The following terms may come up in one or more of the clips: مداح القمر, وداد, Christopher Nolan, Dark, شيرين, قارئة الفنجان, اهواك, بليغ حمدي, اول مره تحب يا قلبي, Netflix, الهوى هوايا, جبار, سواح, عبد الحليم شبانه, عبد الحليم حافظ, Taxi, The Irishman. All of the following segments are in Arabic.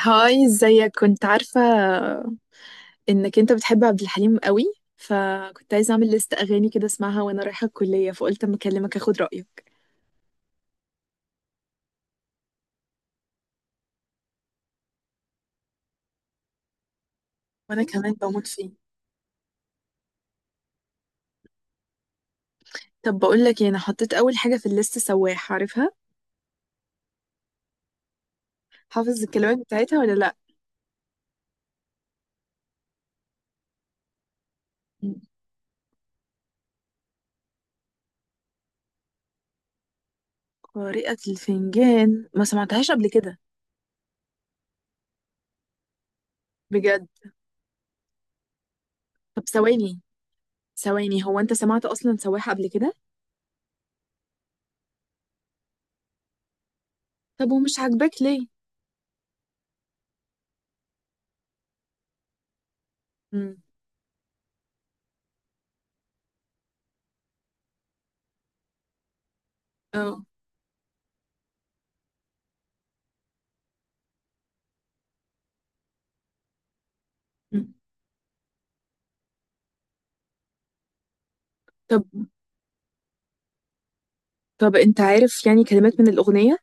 هاي، ازيك؟ كنت عارفة انك انت بتحب عبد الحليم قوي، فكنت عايزة اعمل لست اغاني كده اسمعها وانا رايحة الكلية، فقلت اما اكلمك اخد رأيك. وانا كمان بموت فيه. طب بقول لك ايه، انا حطيت اول حاجة في الليست سواح، عارفها؟ حافظ الكلمات بتاعتها ولا لا؟ قارئة الفنجان ما سمعتهاش قبل كده. بجد؟ طب ثواني، ثواني، هو انت سمعت اصلا سواح قبل كده؟ طب ومش عاجباك ليه؟ امم. اه. مم. طب. طب انت عارف يعني كلمات من الاغنية؟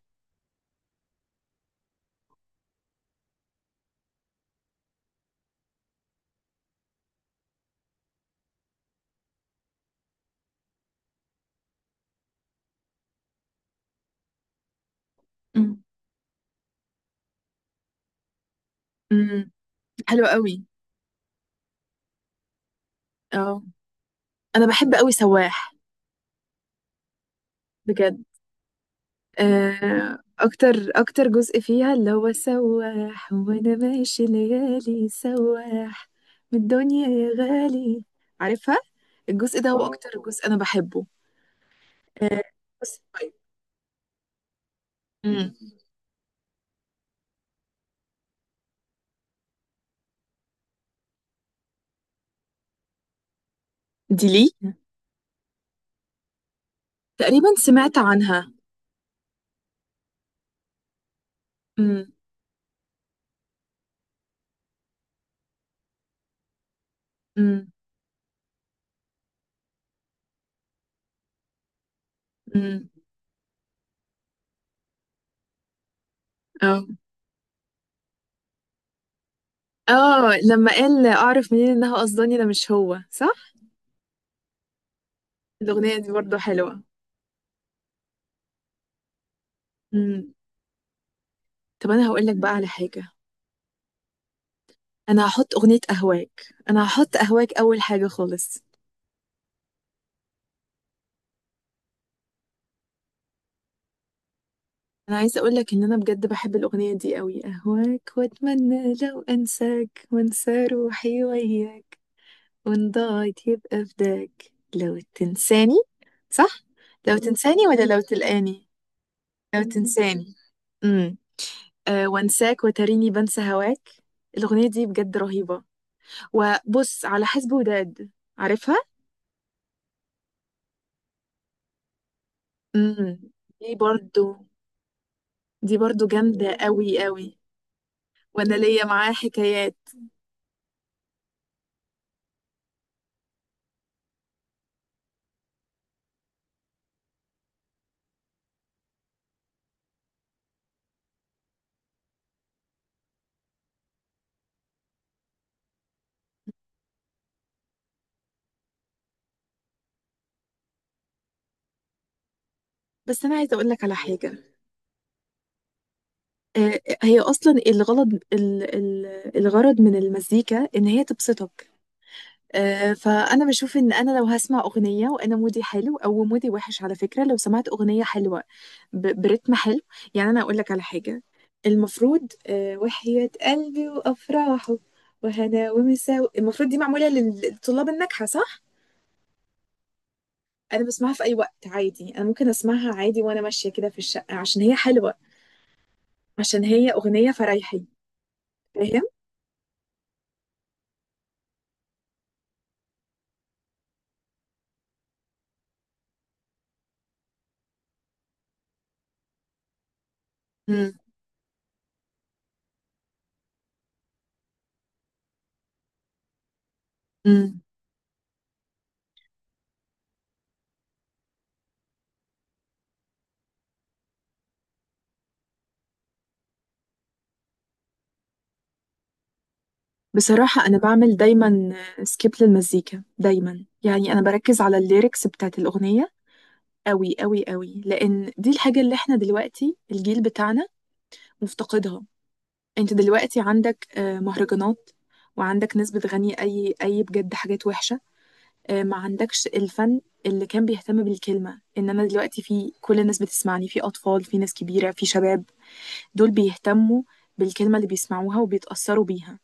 امم. حلو قوي. اه. انا بحب قوي سواح. بجد؟ اكتر جزء فيها، اللي هو سواح وانا ماشي ليالي سواح من الدنيا يا غالي، عارفها. الجزء ده هو اكتر جزء انا بحبه. بس طيب. امم. دي ليه؟ تقريبا سمعت عنها. امم. امم. امم. اه، اه، لما قال اعرف منين انها قصداني ده مش هو، صح؟ الاغنيه دي برضو حلوه. امم. طب انا هقول لك بقى على حاجه. انا هحط اغنية اهواك. انا هحط اهواك اول حاجة خالص. انا عايزة اقولك ان انا بجد بحب الاغنية دي قوي. اهواك واتمنى لو انساك وانسى روحي وياك، وان ضاعت يبقى فداك، لو تنساني. صح؟ لو تنساني ولا لو تلقاني؟ لو تنساني. امم. أه، وانساك وتريني بنسى هواك. الاغنية دي بجد رهيبة. وبص على حسب وداد، عارفها؟ امم. دي برضو دي برضو جامدة قوي قوي. وانا ليا معاه حكايات. بس انا عايزه اقول لك على حاجه. هي اصلا الغرض الغرض من المزيكا ان هي تبسطك. فانا بشوف ان انا لو هسمع اغنيه وانا مودي حلو او مودي وحش، على فكره لو سمعت اغنيه حلوه برتم حلو. يعني انا اقول لك على حاجه، المفروض وحياة قلبي وافراحه وهنا ومساوي، المفروض دي معموله للطلاب الناجحه، صح؟ انا بسمعها في اي وقت عادي، انا ممكن اسمعها عادي وانا ماشيه كده في الشقه عشان هي حلوه. عشان هي أغنية فريحي. فاهم؟ مم. مم. بصراحة أنا بعمل دايما سكيب للمزيكا دايما، يعني أنا بركز على الليركس بتاعت الأغنية أوي أوي أوي، لأن دي الحاجة اللي إحنا دلوقتي الجيل بتاعنا مفتقدها. أنت دلوقتي عندك مهرجانات، وعندك ناس بتغني أي بجد حاجات وحشة. ما عندكش الفن اللي كان بيهتم بالكلمة، إنما دلوقتي في كل الناس بتسمعني، في أطفال، في ناس كبيرة، في شباب، دول بيهتموا بالكلمة اللي بيسمعوها وبيتأثروا بيها.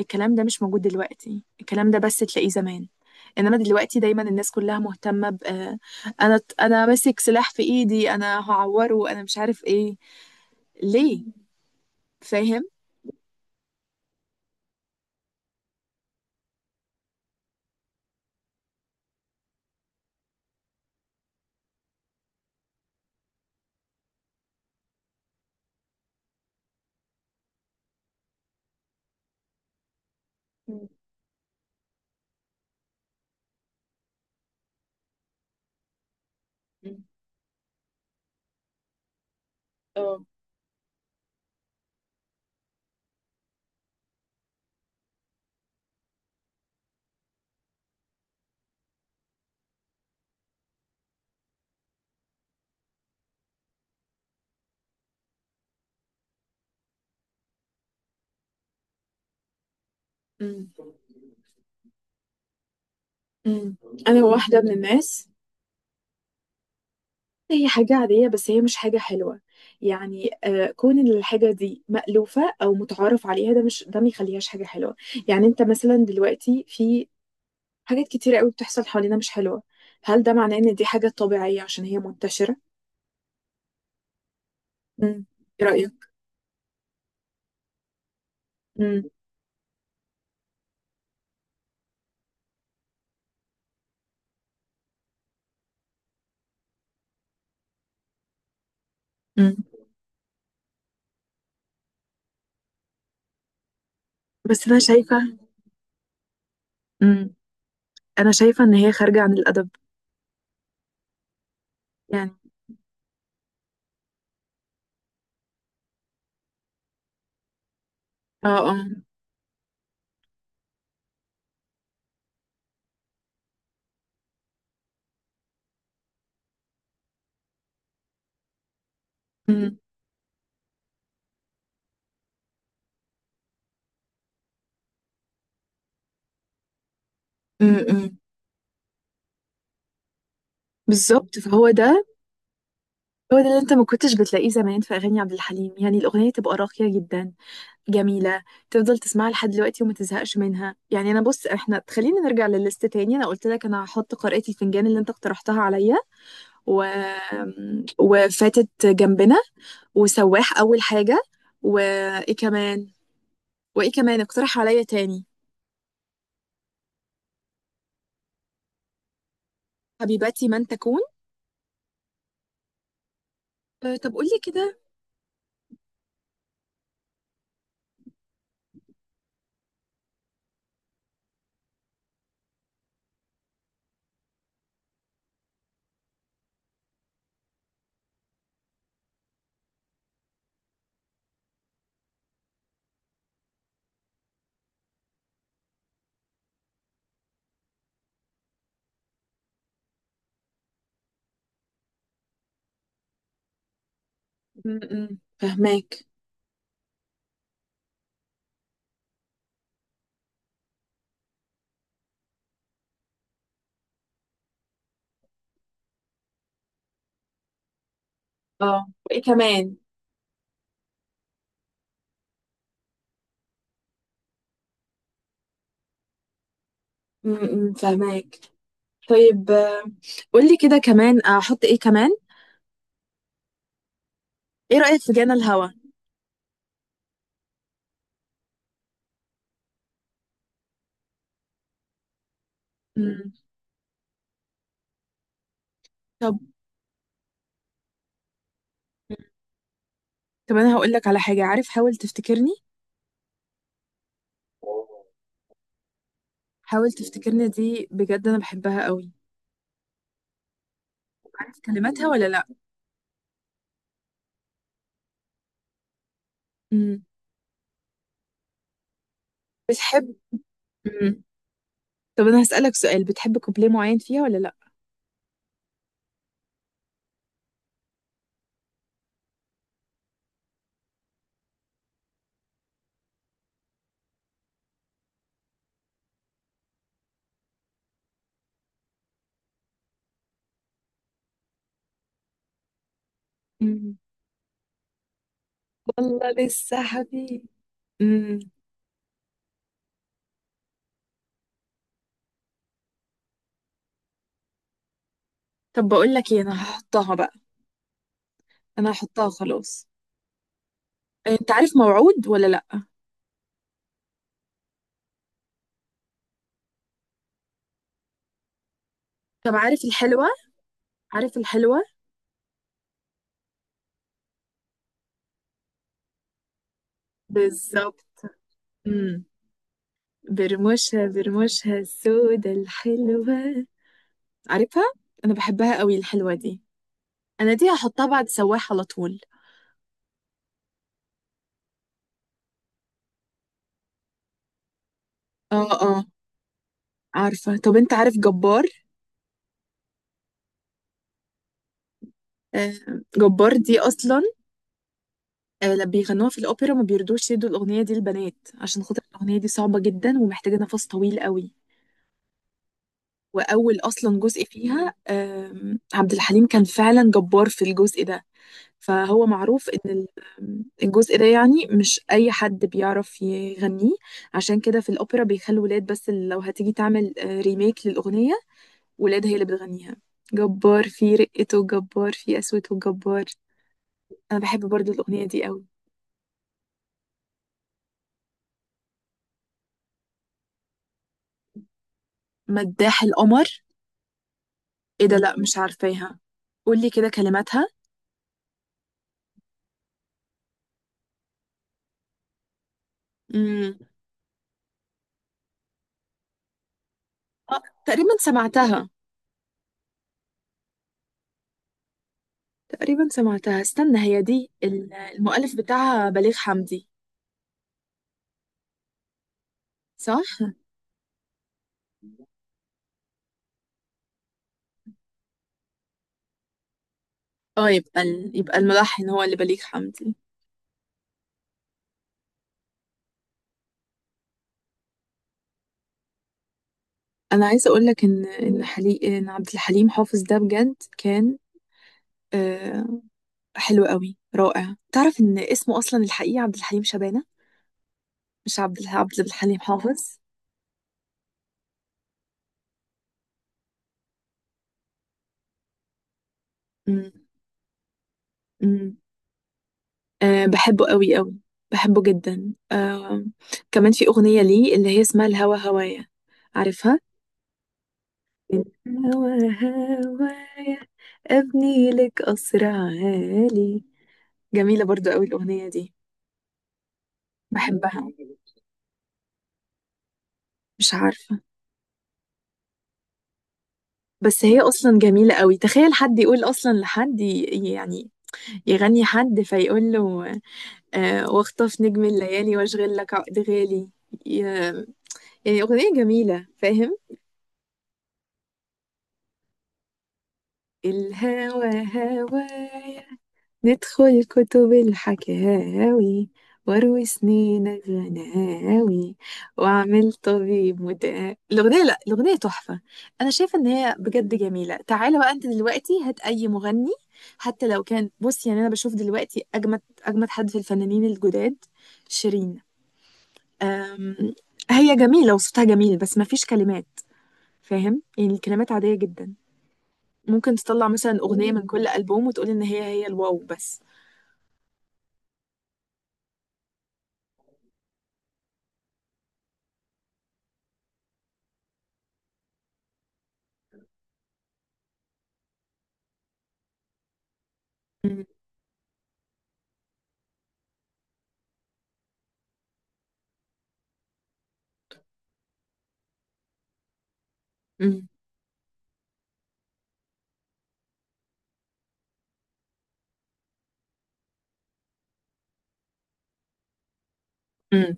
الكلام ده مش موجود دلوقتي، الكلام ده بس تلاقيه زمان. انما دلوقتي دايما الناس كلها مهتمة ب آه، انا ماسك سلاح في ايدي، انا هعوره، انا مش عارف ايه، ليه؟ فاهم؟ اه. مم. مم. أنا واحدة من الناس. هي حاجة عادية بس هي مش حاجة حلوة. يعني كون إن الحاجة دي مألوفة أو متعارف عليها، ده ما يخليهاش حاجة حلوة. يعني أنت مثلا دلوقتي، في حاجات كتيرة قوي بتحصل حوالينا مش حلوة، هل ده معناه ان دي حاجة طبيعية عشان هي منتشرة؟ مم. ايه رأيك؟ مم. مم. بس انا شايفه. مم. انا شايفه ان هي خارجه عن الادب. يعني. اه، اه. مم. مم. مم. بالظبط، فهو ده هو ده اللي انت ما كنتش بتلاقيه زمان في اغاني عبد الحليم، يعني الاغنيه تبقى راقيه جدا. جميله. تفضل تسمعها لحد دلوقتي وما تزهقش منها، يعني انا، بص، احنا خلينا نرجع للليست تاني. انا قلت لك انا هحط قارئة الفنجان اللي انت اقترحتها عليا و... وفاتت جنبنا وسواح اول حاجه. وايه كمان؟ وايه كمان اقترح عليا تاني؟ حبيبتي من تكون. أه، طب قولي كده. م- م، فهماك. اه، وايه كمان؟ م- م، فهماك. طيب، قولي كده كمان احط ايه كمان. ايه رأيك في جانا الهوى؟ م، طب. طب انا هقول لك على حاجه، عارف حاول تفتكرني؟ حاول تفتكرني دي بجد انا بحبها قوي. عارف كلماتها ولا لا؟ امم. بتحب؟ امم. طب انا هسألك سؤال، بتحب كوبليه معين فيها ولا لا؟ امم. والله لسه حبيبي. امم. طب بقول لك ايه، انا هحطها بقى. انا هحطها خلاص. انت عارف موعود ولا لا؟ طب عارف الحلوة؟ عارف الحلوة؟ بالظبط. امم. برموشها السودة الحلوة، عارفها. انا بحبها قوي الحلوة دي. انا دي هحطها بعد سواح على طول. اه، اه. عارفة؟ طب انت عارف جبار؟ آه، جبار دي اصلا، لما بيغنوها في الأوبرا ما بيرضوش يدوا الأغنية دي للبنات. عشان خاطر الأغنية دي صعبة جدا ومحتاجة نفس طويل قوي. وأول أصلا جزء فيها عبد الحليم كان فعلا جبار في الجزء ده. فهو معروف إن ال- آم، الجزء ده يعني مش أي حد بيعرف يغنيه. عشان كده في الأوبرا بيخلوا ولاد بس اللي لو هتيجي تعمل ريميك للأغنية، ولاد هي اللي بتغنيها. جبار في رقته، جبار في قسوته، جبار. أنا بحب برضو الأغنية دي قوي. مداح القمر؟ ايه ده؟ لا مش عارفاها. قولي كده كلماتها. امم. اه، تقريبا سمعتها. تقريبا سمعتها، استنى، هي دي المؤلف بتاعها بليغ حمدي؟ صح؟ اه، يبقى يبقى الملحن هو اللي بليغ حمدي. انا عايزه اقول لك ان عبد الحليم حافظ ده بجد كان آه... حلو قوي رائع. تعرف ان اسمه اصلا الحقيقي عبد الحليم شبانه؟ مش عبد الحليم حافظ. امم. أه، بحبه قوي قوي. بحبه جدا، أه. كمان في أغنية ليه اللي هي اسمها الهوى هوايا، عارفها؟ الهوى هوايا، أبني لك قصر عالي. جميلة برضو قوي الأغنية دي. بحبها. مش عارفة. بس هي أصلا جميلة قوي، تخيل حد يقول أصلا لحد يعني يغني حد فيقول له أه، واخطف نجم الليالي واشغل لك عقد غالي، ي- يعني أغنية جميلة، فاهم؟ الهوى هوايا، ندخل كتب الحكاوي واروي سنين الغناوي واعمل طبيب مداوي. الاغنيه، لا، الاغنيه تحفه. انا شايفه ان هي بجد جميله. تعالى بقى انت دلوقتي هات اي مغني، حتى لو كان، بص يعني انا بشوف دلوقتي اجمد اجمد حد في الفنانين الجداد، شيرين. أم... هي جميله وصوتها جميل بس ما فيش كلمات، فاهم؟ يعني الكلمات عاديه جدا. ممكن تطلع مثلا اغنيه من كل البوم وتقول ان هي الواو بس. مم. مم.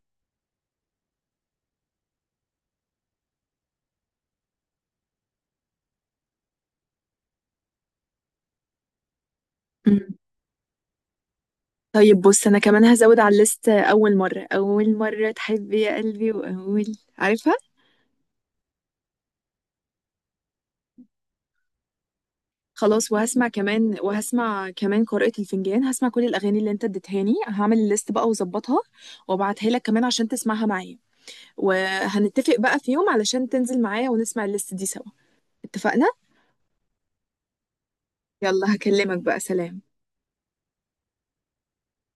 مم. طيب، بص، انا كمان هزود على الليست اول مره تحب يا قلبي واول، عارفها. خلاص، وهسمع كمان قارئة الفنجان. هسمع كل الاغاني اللي انت اديتهاني، هعمل الليست بقى واظبطها وابعتها لك كمان عشان تسمعها معايا، وهنتفق بقى في يوم علشان تنزل معايا ونسمع الليست دي سوا. اتفقنا؟ يلا، هكلمك بقى. سلام.